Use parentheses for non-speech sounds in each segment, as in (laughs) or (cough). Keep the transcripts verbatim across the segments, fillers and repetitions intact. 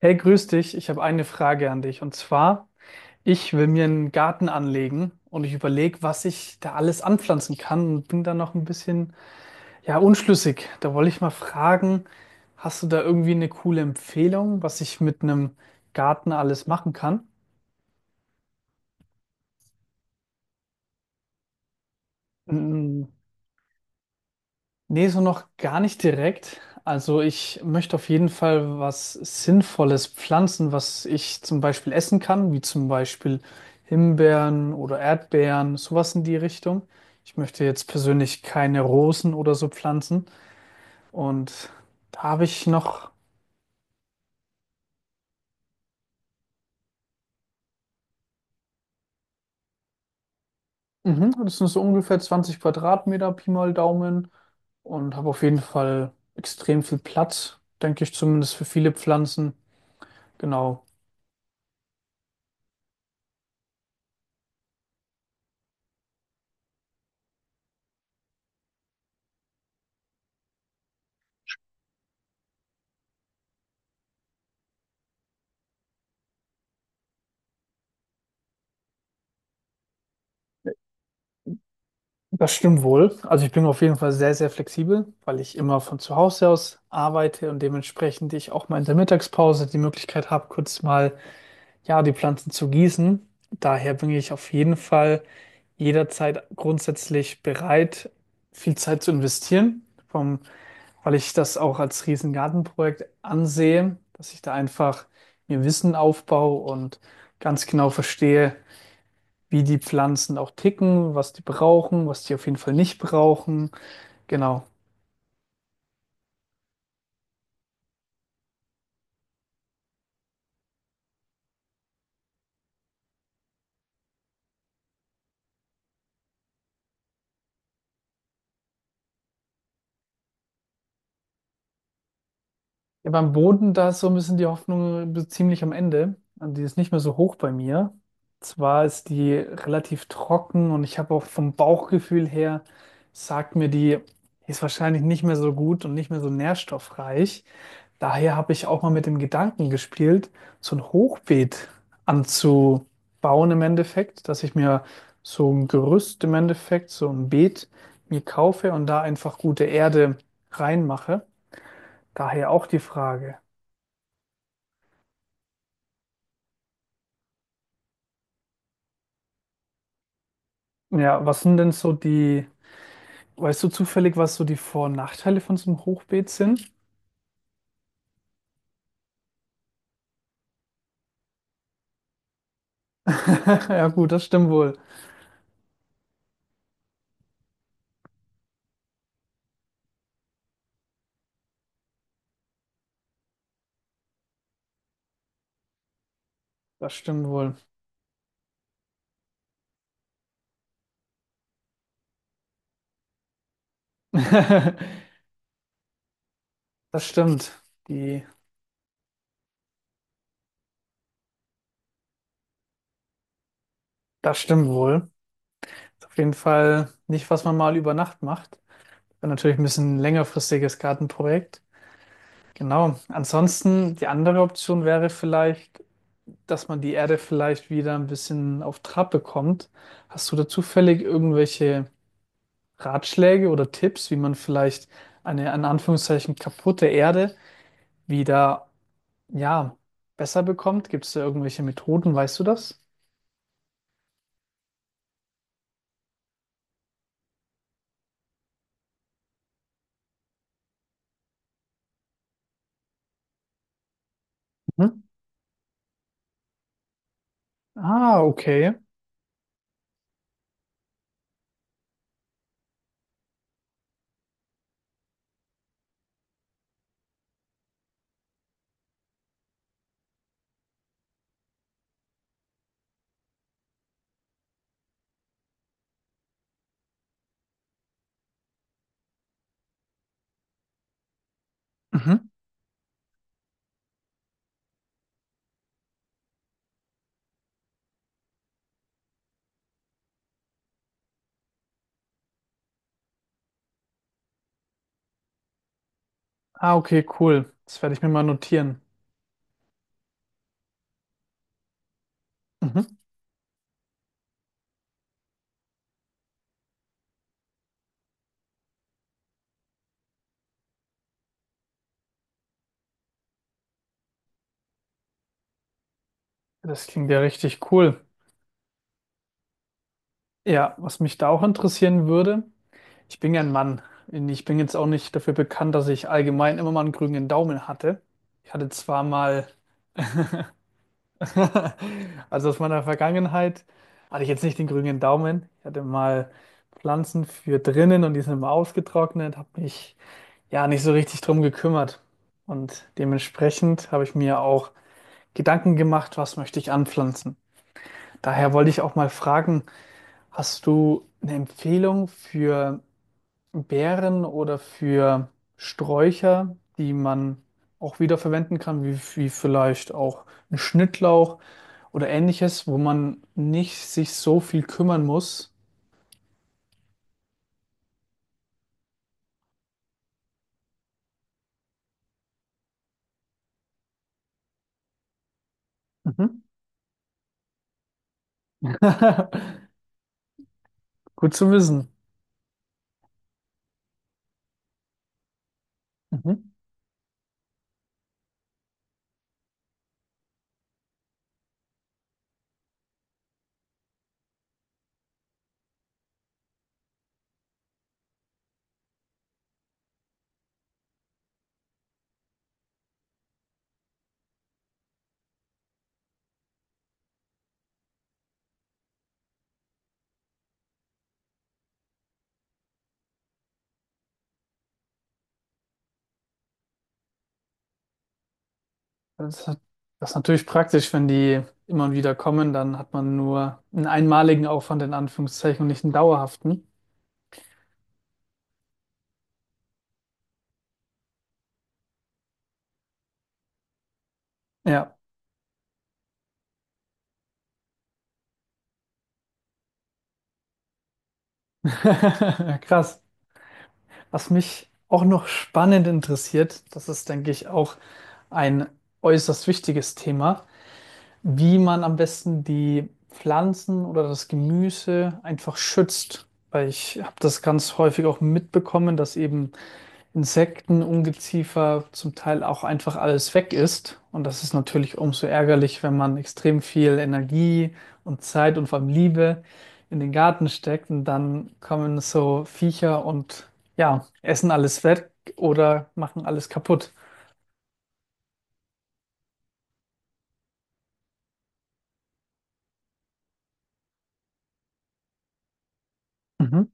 Hey, grüß dich. Ich habe eine Frage an dich. Und zwar, ich will mir einen Garten anlegen und ich überlege, was ich da alles anpflanzen kann und bin da noch ein bisschen, ja, unschlüssig. Da wollte ich mal fragen, hast du da irgendwie eine coole Empfehlung, was ich mit einem Garten alles machen kann? Mm, nee, so noch gar nicht direkt. Also ich möchte auf jeden Fall was Sinnvolles pflanzen, was ich zum Beispiel essen kann, wie zum Beispiel Himbeeren oder Erdbeeren, sowas in die Richtung. Ich möchte jetzt persönlich keine Rosen oder so pflanzen. Und da habe ich noch, mhm, das sind so ungefähr zwanzig Quadratmeter, Pi mal Daumen, und habe auf jeden Fall extrem viel Platz, denke ich zumindest für viele Pflanzen. Genau. Das stimmt wohl. Also ich bin auf jeden Fall sehr, sehr flexibel, weil ich immer von zu Hause aus arbeite und dementsprechend ich auch mal in der Mittagspause die Möglichkeit habe, kurz mal, ja, die Pflanzen zu gießen. Daher bin ich auf jeden Fall jederzeit grundsätzlich bereit, viel Zeit zu investieren, vom, weil ich das auch als Riesengartenprojekt ansehe, dass ich da einfach mir Wissen aufbaue und ganz genau verstehe, wie die Pflanzen auch ticken, was die brauchen, was die auf jeden Fall nicht brauchen. Genau. Ja, beim Boden, da ist so ein bisschen die Hoffnung be- ziemlich am Ende. Also die ist nicht mehr so hoch bei mir. Zwar ist die relativ trocken und ich habe auch vom Bauchgefühl her, sagt mir die, ist wahrscheinlich nicht mehr so gut und nicht mehr so nährstoffreich. Daher habe ich auch mal mit dem Gedanken gespielt, so ein Hochbeet anzubauen im Endeffekt, dass ich mir so ein Gerüst im Endeffekt, so ein Beet mir kaufe und da einfach gute Erde reinmache. Daher auch die Frage. Ja, was sind denn so die, weißt du zufällig, was so die Vor- und Nachteile von so einem Hochbeet sind? (laughs) Ja, gut, das stimmt wohl. Das stimmt wohl. (laughs) Das stimmt. Die, das stimmt wohl. Ist auf jeden Fall nicht, was man mal über Nacht macht. Wäre natürlich ein bisschen längerfristiges Gartenprojekt. Genau. Ansonsten, die andere Option wäre vielleicht, dass man die Erde vielleicht wieder ein bisschen auf Trab bekommt. Hast du da zufällig irgendwelche Ratschläge oder Tipps, wie man vielleicht eine, in Anführungszeichen, kaputte Erde wieder, ja, besser bekommt? Gibt es da irgendwelche Methoden? Weißt du das? Mhm. Ah, okay. Mhm. Ah, okay, cool. Das werde ich mir mal notieren. Mhm. Das klingt ja richtig cool. Ja, was mich da auch interessieren würde, ich bin ja ein Mann. Ich bin jetzt auch nicht dafür bekannt, dass ich allgemein immer mal einen grünen Daumen hatte. Ich hatte zwar mal. (laughs) Also aus meiner Vergangenheit hatte ich jetzt nicht den grünen Daumen. Ich hatte mal Pflanzen für drinnen und die sind immer ausgetrocknet, habe mich ja nicht so richtig drum gekümmert. Und dementsprechend habe ich mir auch Gedanken gemacht, was möchte ich anpflanzen. Daher wollte ich auch mal fragen, hast du eine Empfehlung für Beeren oder für Sträucher, die man auch wiederverwenden kann, wie, wie vielleicht auch ein Schnittlauch oder ähnliches, wo man nicht sich so viel kümmern muss. Mhm. (laughs) Gut zu wissen. Mhm. Das hat, das ist natürlich praktisch, wenn die immer wieder kommen, dann hat man nur einen einmaligen Aufwand in Anführungszeichen und nicht einen dauerhaften. Ja, (laughs) krass. Was mich auch noch spannend interessiert, das ist, denke ich, auch ein äußerst wichtiges Thema, wie man am besten die Pflanzen oder das Gemüse einfach schützt. Weil ich habe das ganz häufig auch mitbekommen, dass eben Insekten, Ungeziefer zum Teil auch einfach alles weg ist. Und das ist natürlich umso ärgerlich, wenn man extrem viel Energie und Zeit und vor allem Liebe in den Garten steckt und dann kommen so Viecher und ja, essen alles weg oder machen alles kaputt. Mhm.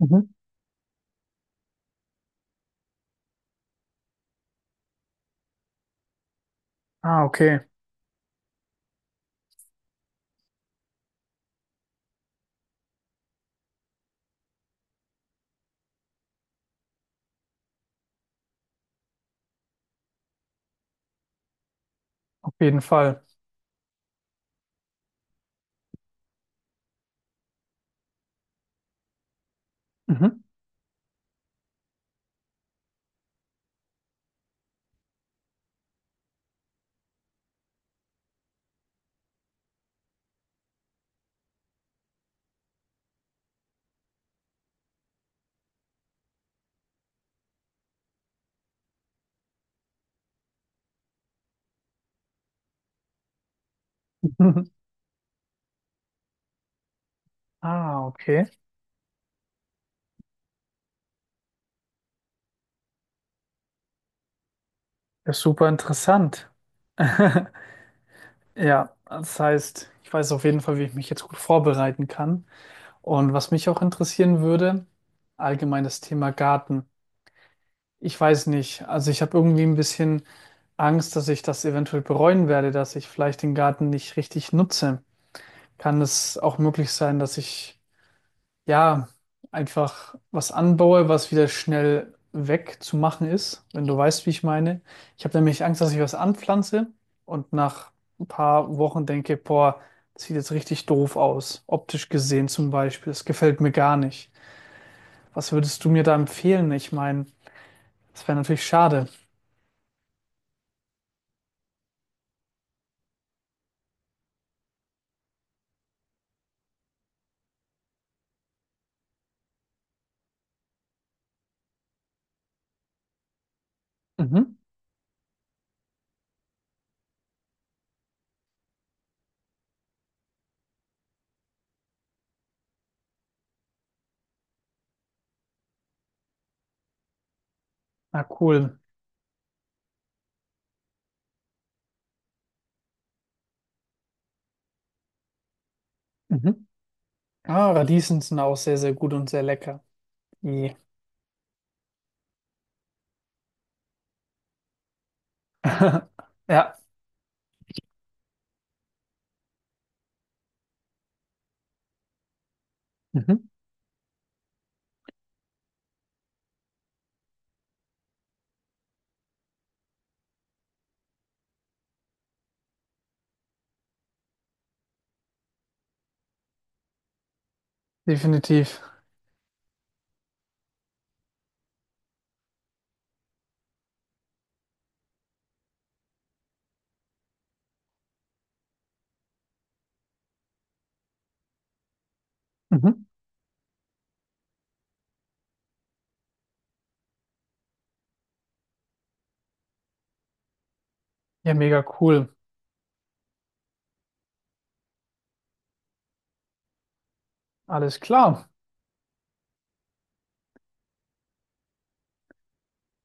Mhm. Ah, okay, auf jeden Fall. Mhm. (laughs) Ah, okay. Ja, super interessant. (laughs) Ja, das heißt, ich weiß auf jeden Fall, wie ich mich jetzt gut vorbereiten kann. Und was mich auch interessieren würde, allgemein das Thema Garten. Ich weiß nicht, also ich habe irgendwie ein bisschen Angst, dass ich das eventuell bereuen werde, dass ich vielleicht den Garten nicht richtig nutze. Kann es auch möglich sein, dass ich ja, einfach was anbaue, was wieder schnell wegzumachen ist, wenn du weißt, wie ich meine. Ich habe nämlich Angst, dass ich was anpflanze und nach ein paar Wochen denke, boah, das sieht jetzt richtig doof aus, optisch gesehen zum Beispiel. Das gefällt mir gar nicht. Was würdest du mir da empfehlen? Ich meine, das wäre natürlich schade. Mhm. Ah, cool. Mhm. Ah, Radieschen sind auch sehr, sehr gut und sehr lecker. Yeah. (laughs) Ja, mhm. Definitiv. Mhm. Ja, mega cool. Alles klar.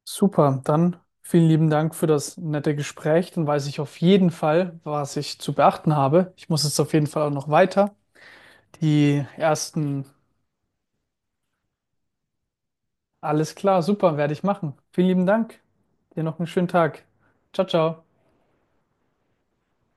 Super, dann vielen lieben Dank für das nette Gespräch. Dann weiß ich auf jeden Fall, was ich zu beachten habe. Ich muss jetzt auf jeden Fall auch noch weiter. Die ersten, alles klar, super, werde ich machen. Vielen lieben Dank. Dir noch einen schönen Tag. Ciao, ciao.